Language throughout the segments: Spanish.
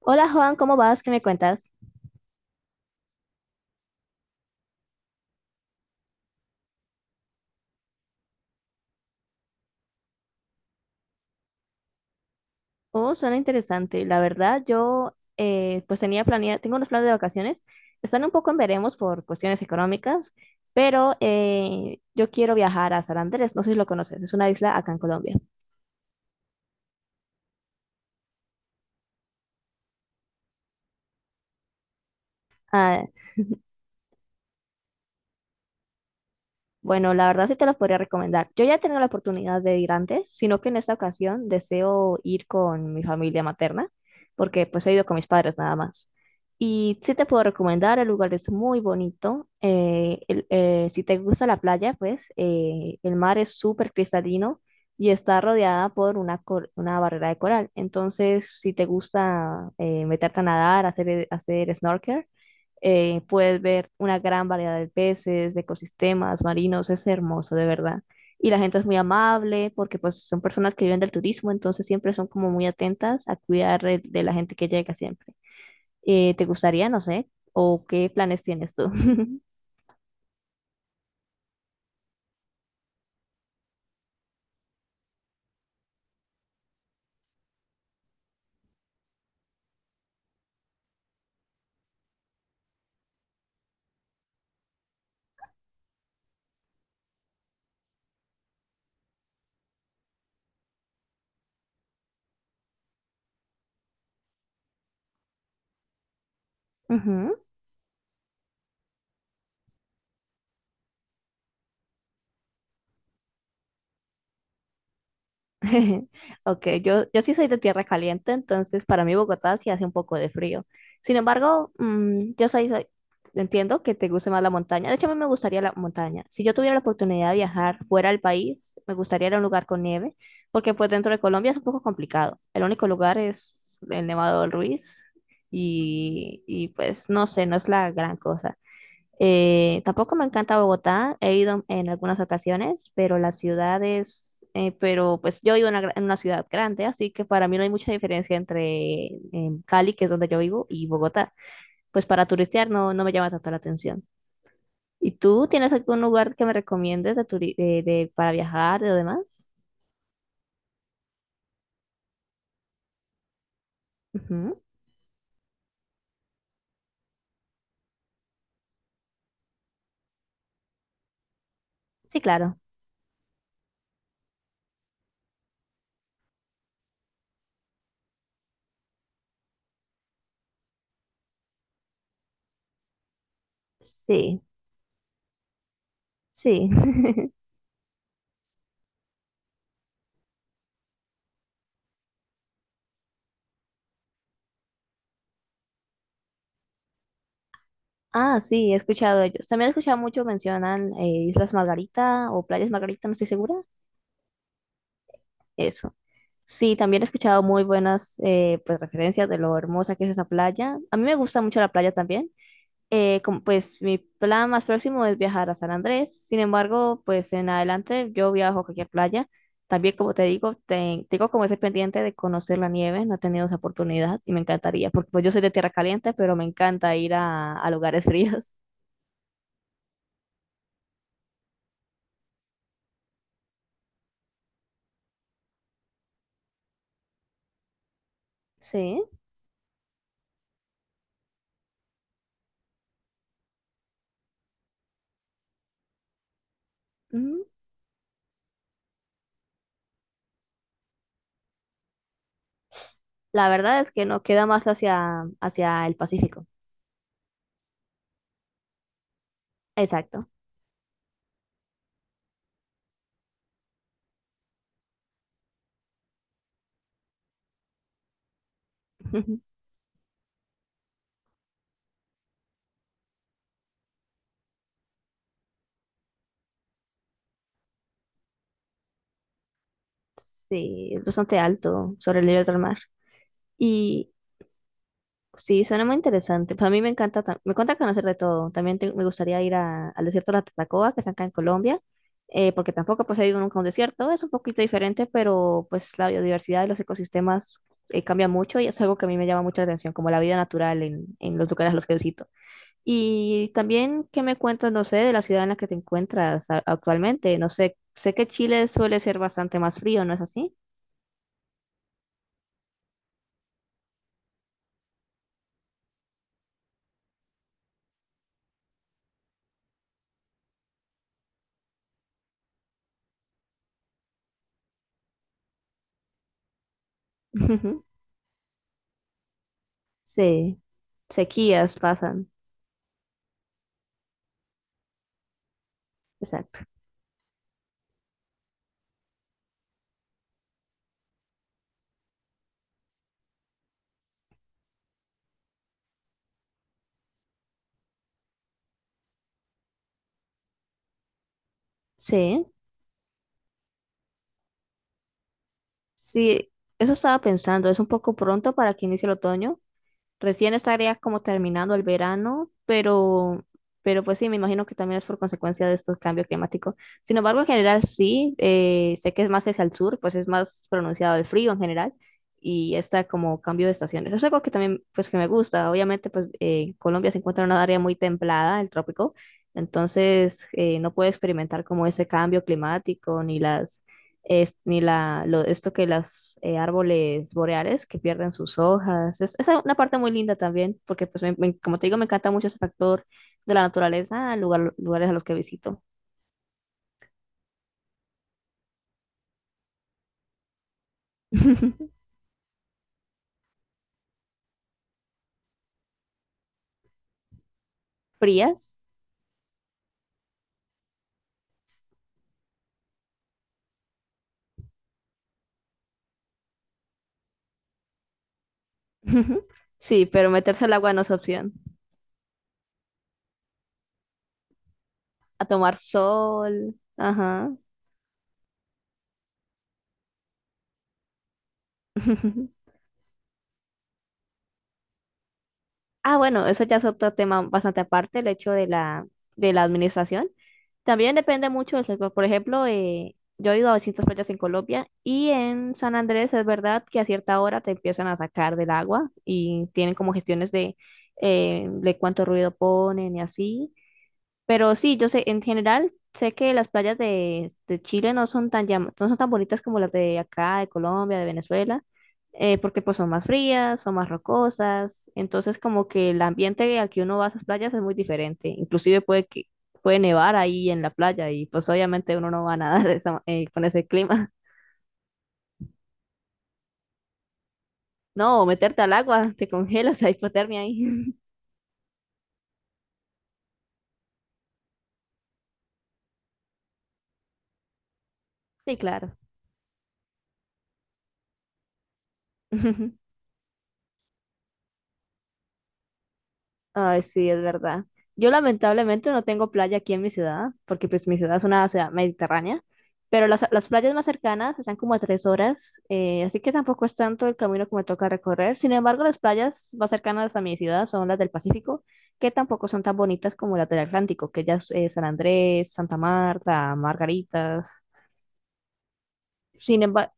Hola Juan, ¿cómo vas? ¿Qué me cuentas? Oh, suena interesante. La verdad, yo pues tenía planeado, tengo unos planes de vacaciones. Están un poco en veremos por cuestiones económicas, pero yo quiero viajar a San Andrés. No sé si lo conoces, es una isla acá en Colombia. Ah, bueno, la verdad sí te los podría recomendar. Yo ya he tenido la oportunidad de ir antes, sino que en esta ocasión deseo ir con mi familia materna, porque pues he ido con mis padres nada más. Y sí te puedo recomendar, el lugar es muy bonito. Si te gusta la playa, pues el mar es súper cristalino y está rodeada por una barrera de coral. Entonces, si te gusta meterte a nadar, hacer snorkel, puedes ver una gran variedad de peces, de ecosistemas marinos, es hermoso, de verdad. Y la gente es muy amable porque pues son personas que viven del turismo, entonces siempre son como muy atentas a cuidar de la gente que llega siempre. ¿Te gustaría, no sé, o qué planes tienes tú? Ujú. Ok, yo sí soy de tierra caliente, entonces para mí Bogotá sí hace un poco de frío. Sin embargo, entiendo que te guste más la montaña. De hecho, a mí me gustaría la montaña. Si yo tuviera la oportunidad de viajar fuera del país, me gustaría ir a un lugar con nieve, porque pues dentro de Colombia es un poco complicado. El único lugar es el Nevado del Ruiz y pues no sé, no es la gran cosa. Tampoco me encanta Bogotá, he ido en algunas ocasiones, pero pero pues yo vivo en en una ciudad grande, así que para mí no hay mucha diferencia entre Cali, que es donde yo vivo, y Bogotá. Pues para turistear no me llama tanto la atención. ¿Y tú tienes algún lugar que me recomiendes de turi- de- para viajar o demás? Ujú. Sí, claro. Sí, sí. Ah, sí, he escuchado de ellos. También he escuchado mucho mencionan Islas Margarita o Playas Margarita, no estoy segura. Eso. Sí, también he escuchado muy buenas pues, referencias de lo hermosa que es esa playa. A mí me gusta mucho la playa también. Como, pues mi plan más próximo es viajar a San Andrés. Sin embargo, pues en adelante yo viajo a cualquier playa. También, como te digo, tengo como ese pendiente de conocer la nieve. No he tenido esa oportunidad y me encantaría, porque pues, yo soy de tierra caliente, pero me encanta ir a lugares fríos. Sí. Ujú. La verdad es que no queda más hacia el Pacífico. Exacto. Sí, es bastante alto sobre el nivel del mar. Y sí, suena muy interesante. Pues a mí me encanta, me encanta conocer de todo. También me gustaría ir al desierto de la Tatacoa, que está acá en Colombia, porque tampoco pues, he ido nunca a un desierto. Es un poquito diferente, pero pues la biodiversidad y los ecosistemas cambia mucho y es algo que a mí me llama mucha atención, como la vida natural en los lugares a los que visito. Y también, ¿qué me cuentas, no sé, de la ciudad en la que te encuentras actualmente? No sé, sé que Chile suele ser bastante más frío, ¿no es así? Sí, sequías pasan. Exacto. Sí, sí, eso estaba pensando. Es un poco pronto para que inicie el otoño, recién estaría como terminando el verano, pero pues sí, me imagino que también es por consecuencia de estos cambios climáticos. Sin embargo, en general sí, sé que es más hacia el sur, pues es más pronunciado el frío en general y está como cambio de estaciones. Es algo que también, pues que me gusta. Obviamente, pues Colombia se encuentra en una área muy templada, el trópico, entonces no puedo experimentar como ese cambio climático ni las es- ni la, lo- esto que los árboles boreales que pierden sus hojas. Es una parte muy linda también, porque pues como te digo, me encanta mucho ese factor de la naturaleza, lugares a los que visito. ¿Frías? Sí, pero meterse al agua no es opción. A tomar sol. Ajá. Ah, bueno, eso ya es otro tema bastante aparte, el hecho de la administración. También depende mucho del sector. Por ejemplo, yo he ido a distintas playas en Colombia y en San Andrés es verdad que a cierta hora te empiezan a sacar del agua y tienen como gestiones de cuánto ruido ponen y así. Pero sí, yo sé, en general, sé que las playas de Chile no son tan no son tan bonitas como las de acá, de Colombia, de Venezuela, porque pues son más frías, son más rocosas, entonces como que el ambiente al que uno va a esas playas es muy diferente, inclusive puede nevar ahí en la playa y pues obviamente uno no va a nadar de esa con ese clima. No, o meterte al agua, te congelas, hay hipotermia ahí. Sí, claro. Ay, sí, es verdad. Yo lamentablemente no tengo playa aquí en mi ciudad, porque pues mi ciudad es una ciudad mediterránea, pero las playas más cercanas están como a 3 horas, así que tampoco es tanto el camino que me toca recorrer. Sin embargo, las playas más cercanas a mi ciudad son las del Pacífico, que tampoco son tan bonitas como las del Atlántico, que ya es San Andrés, Santa Marta, Margaritas. Sin emba-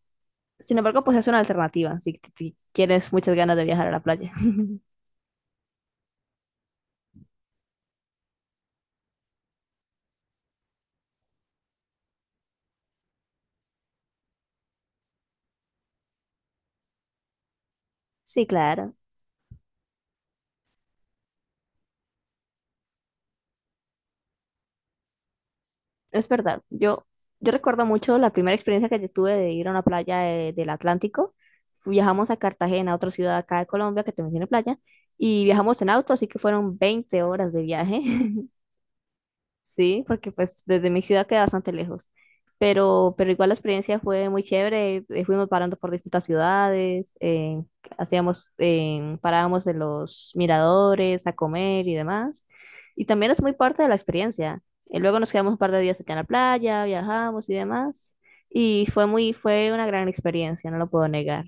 Sin embargo, pues es una alternativa si tienes muchas ganas de viajar a la playa. Sí, claro. Es verdad, yo recuerdo mucho la primera experiencia que yo tuve de ir a una playa del Atlántico. Viajamos a Cartagena, otra ciudad acá de Colombia que también tiene playa, y viajamos en auto, así que fueron 20 horas de viaje. Sí, porque pues desde mi ciudad queda bastante lejos. Pero igual la experiencia fue muy chévere. Fuimos parando por distintas ciudades, parábamos en los miradores a comer y demás. Y también es muy parte de la experiencia. Luego nos quedamos un par de días acá en la playa, viajamos y demás. Y fue una gran experiencia, no lo puedo negar.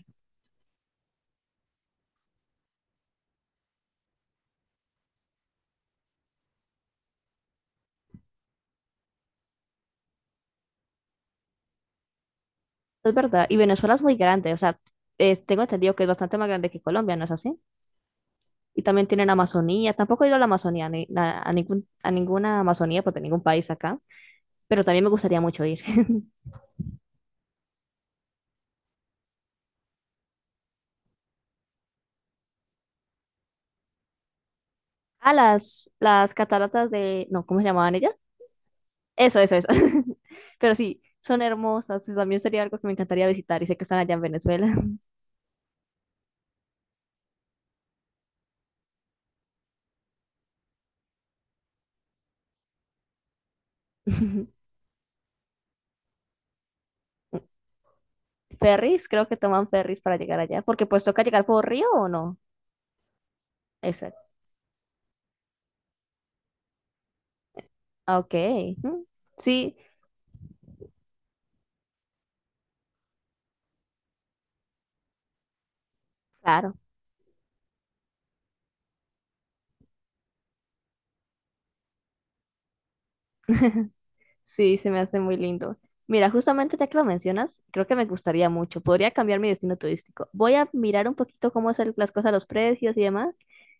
Es verdad. Y Venezuela es muy grande, o sea, tengo entendido que es bastante más grande que Colombia, ¿no es así? Y también tienen Amazonía. Tampoco he ido a la Amazonía, a ninguna Amazonía, porque ningún país acá, pero también me gustaría mucho ir. A las cataratas de, no, ¿cómo se llamaban ellas? Eso, eso, eso. Pero sí, son hermosas, y también sería algo que me encantaría visitar y sé que están allá en Venezuela. Ferries, creo que toman ferries para llegar allá, porque pues toca llegar por río o no. Exacto. Ah, ok. Mm, sí, claro. Sí, se me hace muy lindo. Mira, justamente ya que lo mencionas, creo que me gustaría mucho. Podría cambiar mi destino turístico. Voy a mirar un poquito cómo son las cosas, los precios y demás.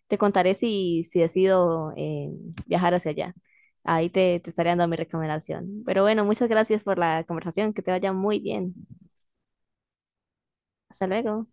Te contaré si, si decido viajar hacia allá. Ahí te estaré dando mi recomendación. Pero bueno, muchas gracias por la conversación. Que te vaya muy bien. Hasta luego.